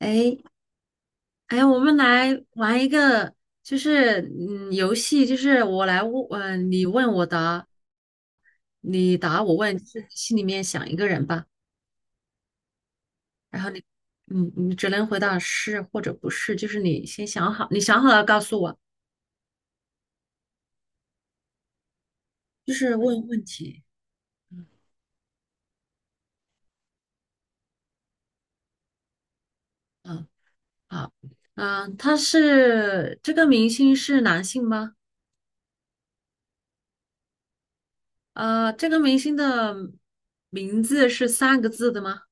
哎哎，我们来玩一个，就是游戏，就是我来问，嗯，你问我答，你答我问，就是心里面想一个人吧，然后你，你只能回答是或者不是，就是你先想好，你想好了告诉我，就是问问题。嗯。好。嗯。这个明星是男性吗？这个明星的名字是三个字的吗？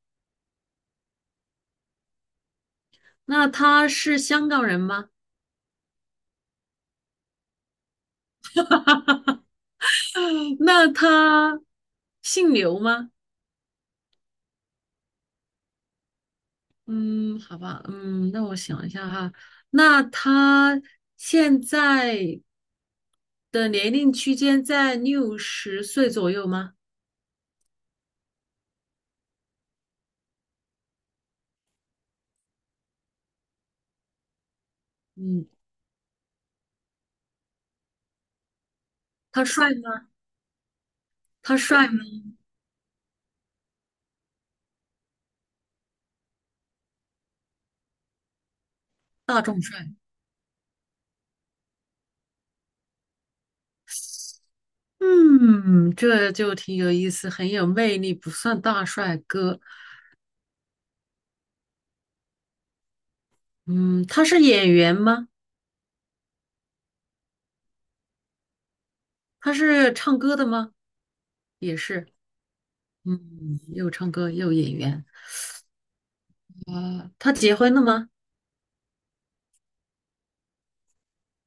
那他是香港人吗？那他姓刘吗？嗯，好吧。嗯，那我想一下哈，那他现在的年龄区间在六十岁左右吗？嗯。他帅吗？他帅吗？大众帅。嗯，这就挺有意思，很有魅力，不算大帅哥。嗯，他是演员吗？他是唱歌的吗？也是。嗯，又唱歌又演员。啊、他结婚了吗？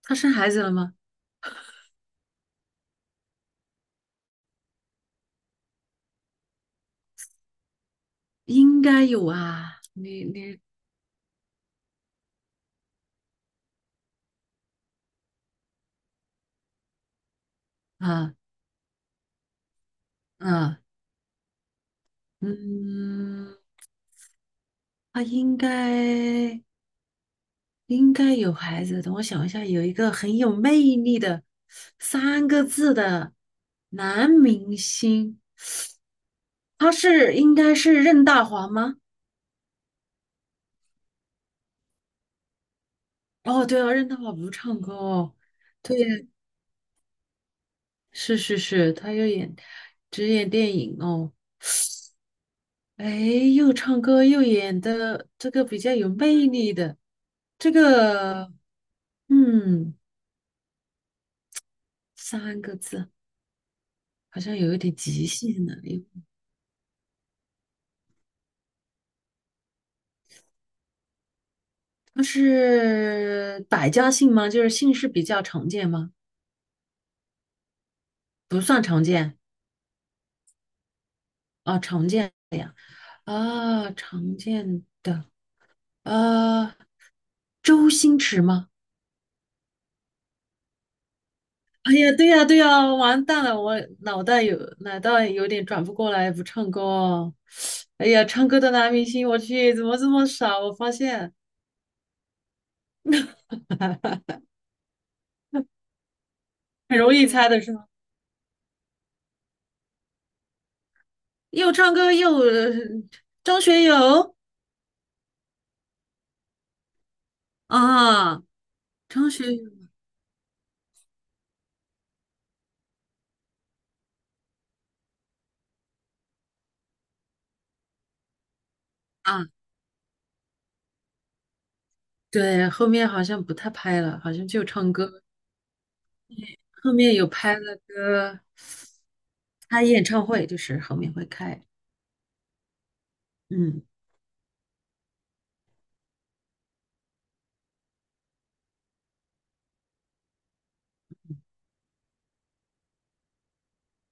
他生孩子了吗？应该有啊。你啊啊嗯，他应该有孩子。等我想一下，有一个很有魅力的三个字的男明星，应该是任大华吗？哦，对啊，任大华不唱歌哦。对。是是是，他又演只演电影哦。哎，又唱歌又演的这个比较有魅力的这个。嗯，三个字好像有一点极限呢。它是百家姓吗？就是姓氏比较常见吗？不算常见。啊，常见的呀。啊，常见的。啊，周星驰吗？哎呀，对呀，对呀，完蛋了，我脑袋有点转不过来，不唱歌哦。哎呀，唱歌的男明星，我去，怎么这么少？我发现很容易猜的是吗？又唱歌又张学友。啊，张学友啊，对，后面好像不太拍了，好像就唱歌。后面有拍了个开演唱会，就是后面会开。嗯。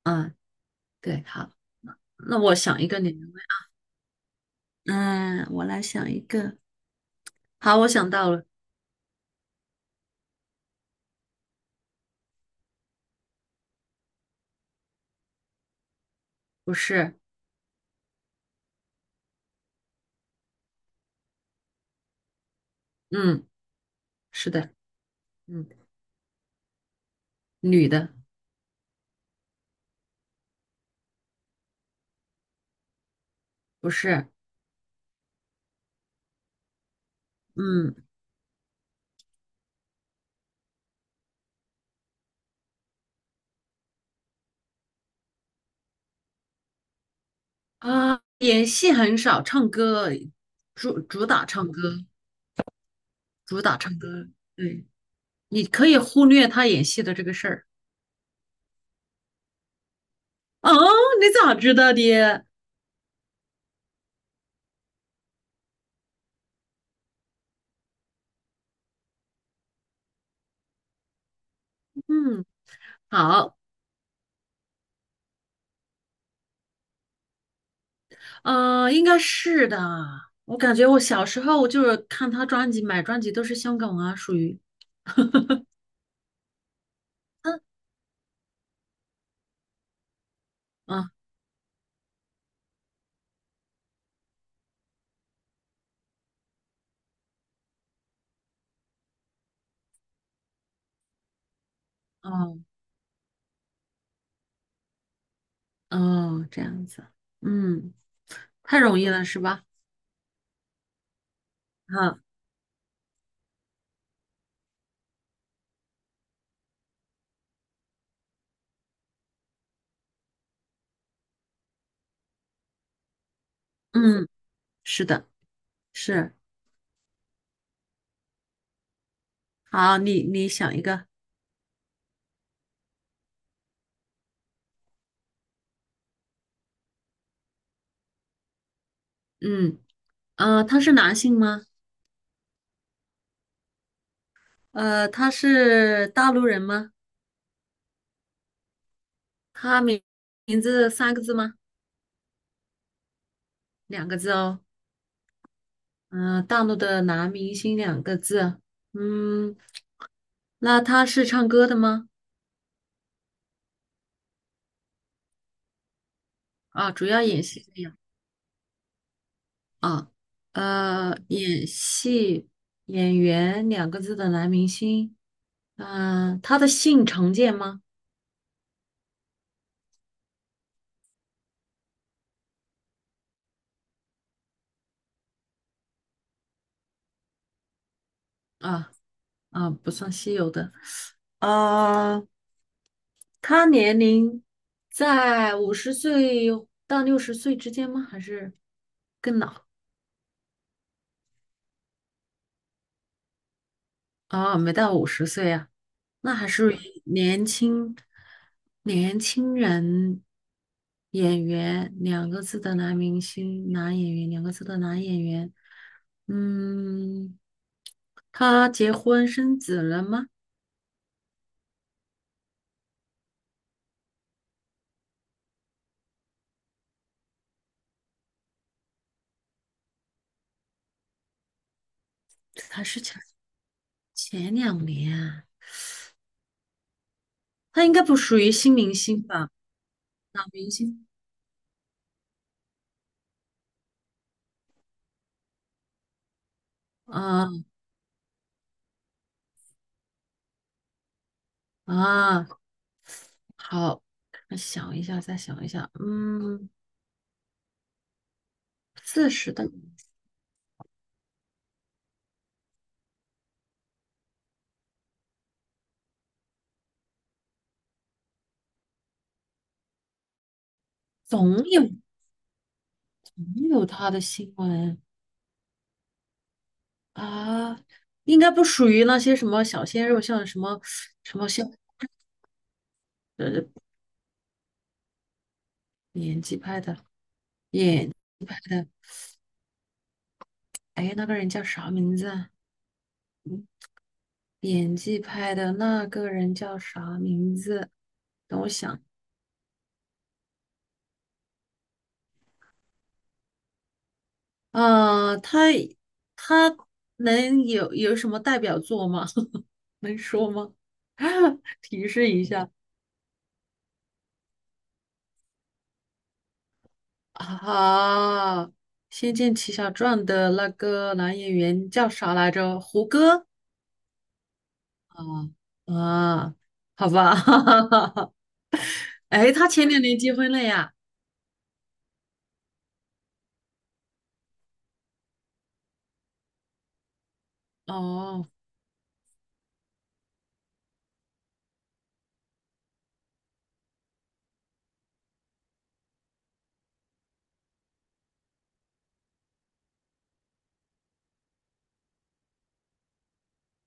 啊，对，好，那我想一个你来问。嗯，我来想一个。好，我想到了。不是。嗯。是的。嗯。女的。不是。嗯演戏很少，唱歌主打唱歌，主打唱歌。对。你可以忽略他演戏的这个事儿。哦，你咋知道的？嗯。好。应该是的。我感觉我小时候就是看他专辑，买专辑都是香港啊，属于 啊，哦哦，这样子。嗯，太容易了是吧？啊。嗯。是的。是。好，你想一个。嗯。他是男性吗？他是大陆人吗？他名名字三个字吗？两个字哦。嗯、大陆的男明星两个字啊。嗯，那他是唱歌的吗？啊，主要演戏的呀。啊，演戏演员两个字的男明星。嗯、他的姓常见吗？啊啊，不算稀有的。啊，他年龄在五十岁到六十岁之间吗？还是更老？啊，没到五十岁呀。那还是以年轻人演员两个字的男明星、男演员两个字的男演员。嗯，他结婚生子了吗？还是前两年啊。他应该不属于新明星吧？老明星。啊啊。好，我想一下，再想一下。嗯，40的总有总有他的新闻。啊，应该不属于那些什么小鲜肉，像什么什么像呃演技派的演技派的。哎，那个人叫啥名字啊？演技派的那个人叫啥名字？等我想。啊，他能有什么代表作吗？能说吗？提示一下。啊，《仙剑奇侠传》的那个男演员叫啥来着？胡歌。哦。啊，好吧，哎，他前2年结婚了呀？哦。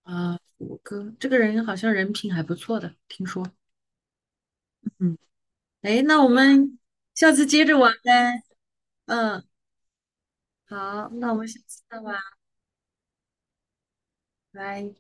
啊，我哥这个人好像人品还不错的，听说。嗯。哎，那我们下次接着玩呗。嗯，好，那我们下次再玩。拜。